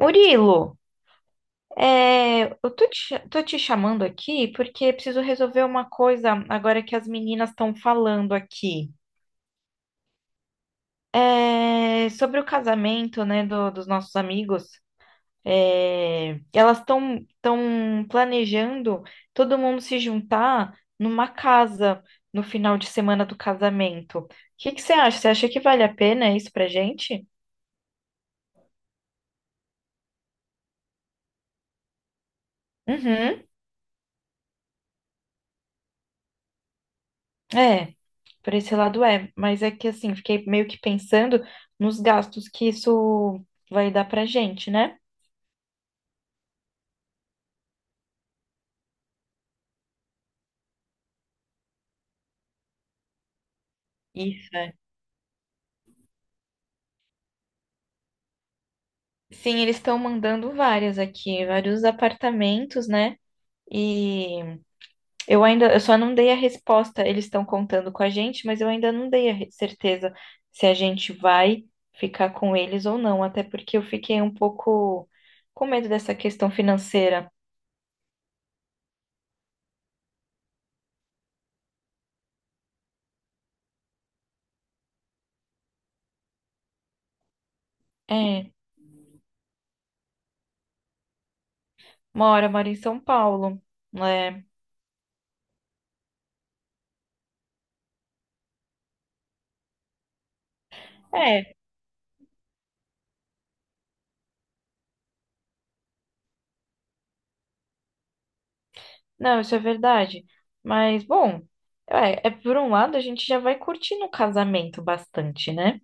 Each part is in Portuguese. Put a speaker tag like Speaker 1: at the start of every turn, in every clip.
Speaker 1: Murilo, eu tô te, tô te chamando aqui porque preciso resolver uma coisa agora que as meninas estão falando aqui. Sobre o casamento, né, dos nossos amigos. Elas estão planejando todo mundo se juntar numa casa no final de semana do casamento. O que que você acha? Você acha que vale a pena isso pra gente? Uhum. É, por esse lado é, mas é que assim, fiquei meio que pensando nos gastos que isso vai dar pra gente, né? Isso, é. Sim, eles estão mandando várias aqui, vários apartamentos, né? E eu só não dei a resposta, eles estão contando com a gente, mas eu ainda não dei a certeza se a gente vai ficar com eles ou não, até porque eu fiquei um pouco com medo dessa questão financeira. É, mora, mora em São Paulo, né? É. Não, isso é verdade. Mas, bom, é por um lado a gente já vai curtindo o casamento bastante, né?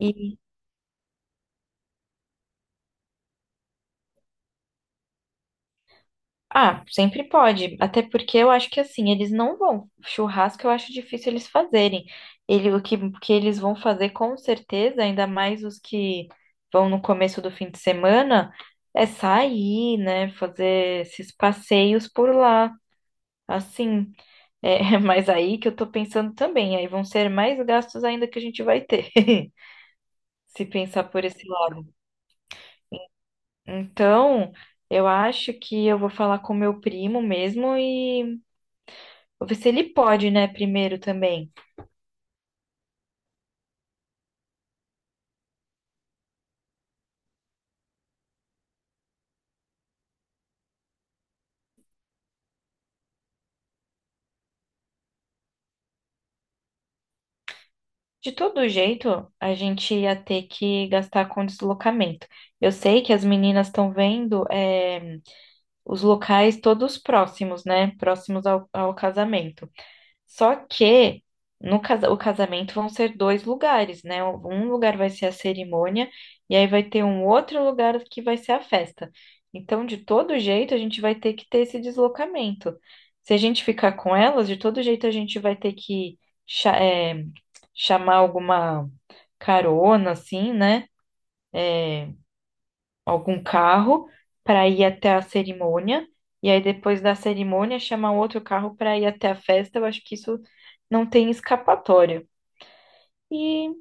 Speaker 1: E, ah, sempre pode. Até porque eu acho que assim, eles não vão. Churrasco eu acho difícil eles fazerem. O que, que eles vão fazer com certeza, ainda mais os que vão no começo do fim de semana, é sair, né? Fazer esses passeios por lá. Assim, é, mas aí que eu tô pensando também, aí vão ser mais gastos ainda que a gente vai ter. Se pensar por esse lado. Então, eu acho que eu vou falar com meu primo mesmo e vou ver se ele pode, né, primeiro também. De todo jeito, a gente ia ter que gastar com deslocamento. Eu sei que as meninas estão vendo, os locais todos próximos, né? Próximos ao, ao casamento. Só que no o casamento vão ser dois lugares, né? Um lugar vai ser a cerimônia e aí vai ter um outro lugar que vai ser a festa. Então, de todo jeito, a gente vai ter que ter esse deslocamento. Se a gente ficar com elas, de todo jeito a gente vai ter que cha- é, chamar alguma carona, assim, né? Eh, Algum carro para ir até a cerimônia, e aí depois da cerimônia chamar outro carro para ir até a festa. Eu acho que isso não tem escapatória. E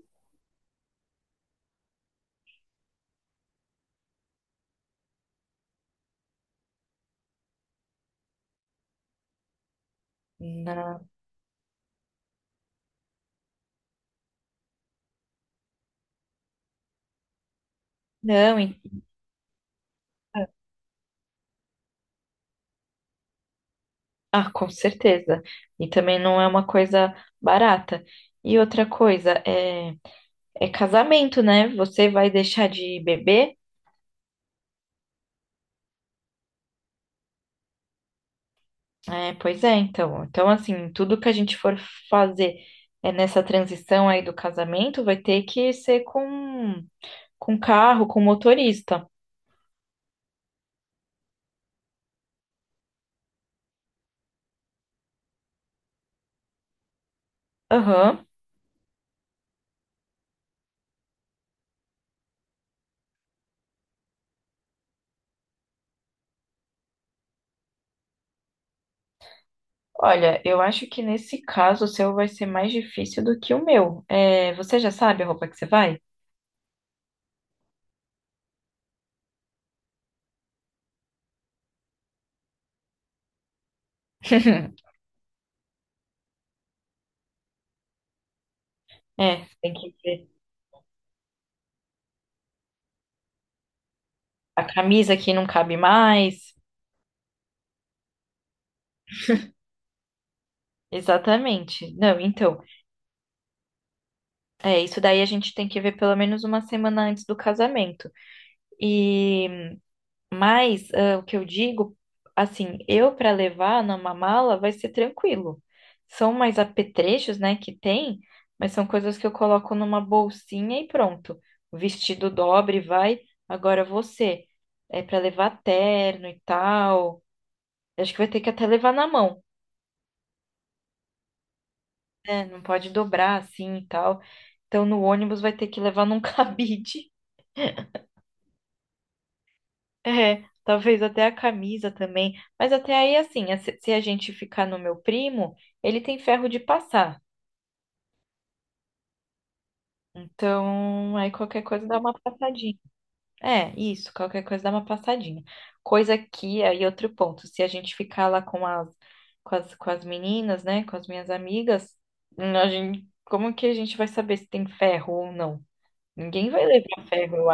Speaker 1: na- não, ah, com certeza. E também não é uma coisa barata. E outra coisa, é casamento, né? Você vai deixar de beber? É, pois é, então. Então, assim, tudo que a gente for fazer é nessa transição aí do casamento vai ter que ser com carro, com motorista. Aham. Olha, eu acho que nesse caso o seu vai ser mais difícil do que o meu. É, você já sabe a roupa que você vai? É, tem que ver. A camisa que não cabe mais. Exatamente. Não, então, é, isso daí a gente tem que ver pelo menos uma semana antes do casamento. E mas ah, o que eu digo, assim, eu para levar numa mala vai ser tranquilo. São mais apetrechos, né, que tem, mas são coisas que eu coloco numa bolsinha e pronto. O vestido dobre, vai. Agora você, é para levar terno e tal. Eu acho que vai ter que até levar na mão, né? Não pode dobrar assim e tal. Então no ônibus vai ter que levar num cabide. É, talvez até a camisa também. Mas até aí, assim, se a gente ficar no meu primo, ele tem ferro de passar. Então, aí qualquer coisa dá uma passadinha. É, isso, qualquer coisa dá uma passadinha. Coisa que, aí outro ponto, se a gente ficar lá com as meninas, né, com as minhas amigas, a gente, como que a gente vai saber se tem ferro ou não? Ninguém vai levar ferro, eu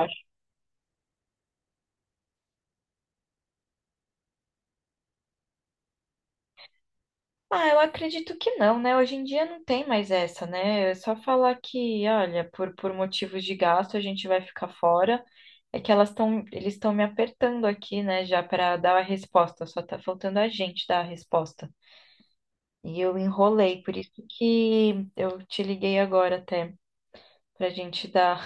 Speaker 1: ah, eu acredito que não, né? Hoje em dia não tem mais essa, né? É só falar que, olha, por motivos de gasto a gente vai ficar fora. É que eles estão me apertando aqui, né, já para dar a resposta. Só tá faltando a gente dar a resposta. E eu enrolei, por isso que eu te liguei agora até pra gente dar.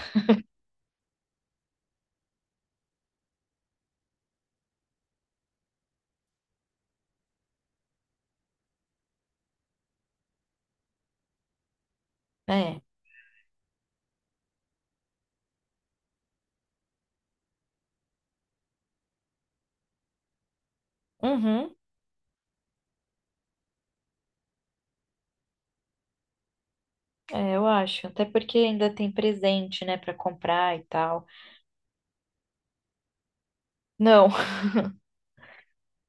Speaker 1: É, uhum, é, eu acho. Até porque ainda tem presente, né, pra comprar e tal. Não,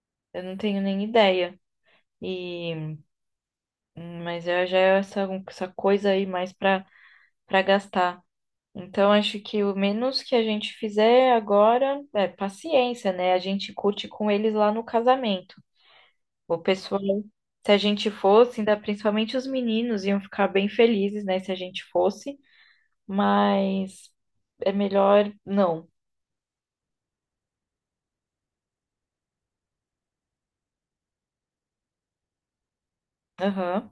Speaker 1: eu não tenho nem ideia. E hum, mas eu já é essa, essa coisa aí mais para para gastar. Então, acho que o menos que a gente fizer agora é paciência, né? A gente curte com eles lá no casamento. O pessoal, se a gente fosse, ainda principalmente os meninos, iam ficar bem felizes, né? Se a gente fosse, mas é melhor não. Aham.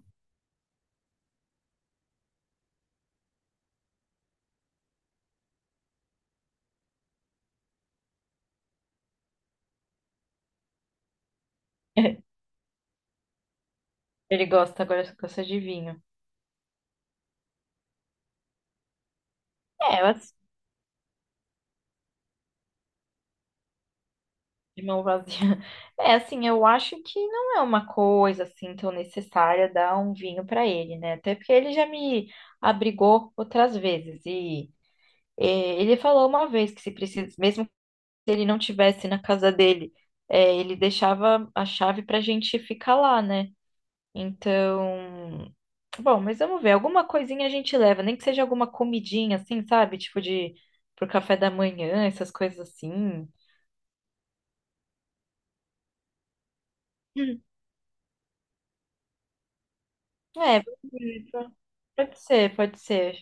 Speaker 1: Ele gosta, agora só gosta de vinho. É, eu de mão vazia. É, assim, eu acho que não é uma coisa assim tão necessária dar um vinho para ele, né? Até porque ele já me abrigou outras vezes e ele falou uma vez que se precisa, mesmo que ele não tivesse na casa dele, ele deixava a chave para a gente ficar lá, né? Então, bom, mas vamos ver. Alguma coisinha a gente leva, nem que seja alguma comidinha, assim, sabe? Tipo de pro café da manhã, essas coisas assim. Hum. É, pode ser, pode ser.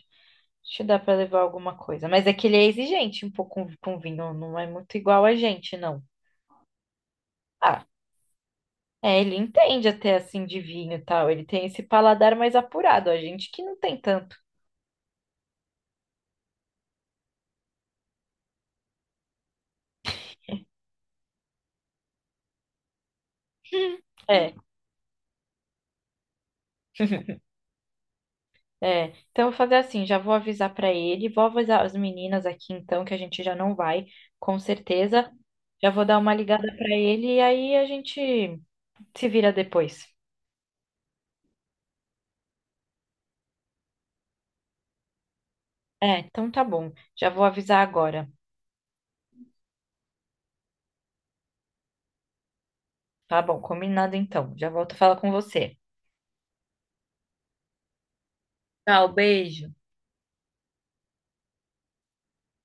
Speaker 1: Acho que dá pra levar alguma coisa. Mas é que ele é exigente um pouco com vinho, não é muito igual a gente, não. Ah, é, ele entende até assim de vinho e tal. Ele tem esse paladar mais apurado, a gente que não tem tanto. É, é. Então eu vou fazer assim, já vou avisar pra ele, vou avisar as meninas aqui então que a gente já não vai, com certeza. Já vou dar uma ligada pra ele e aí a gente se vira depois. É, então tá bom. Já vou avisar agora. Tá bom, combinado então. Já volto a falar com você. Tchau, beijo.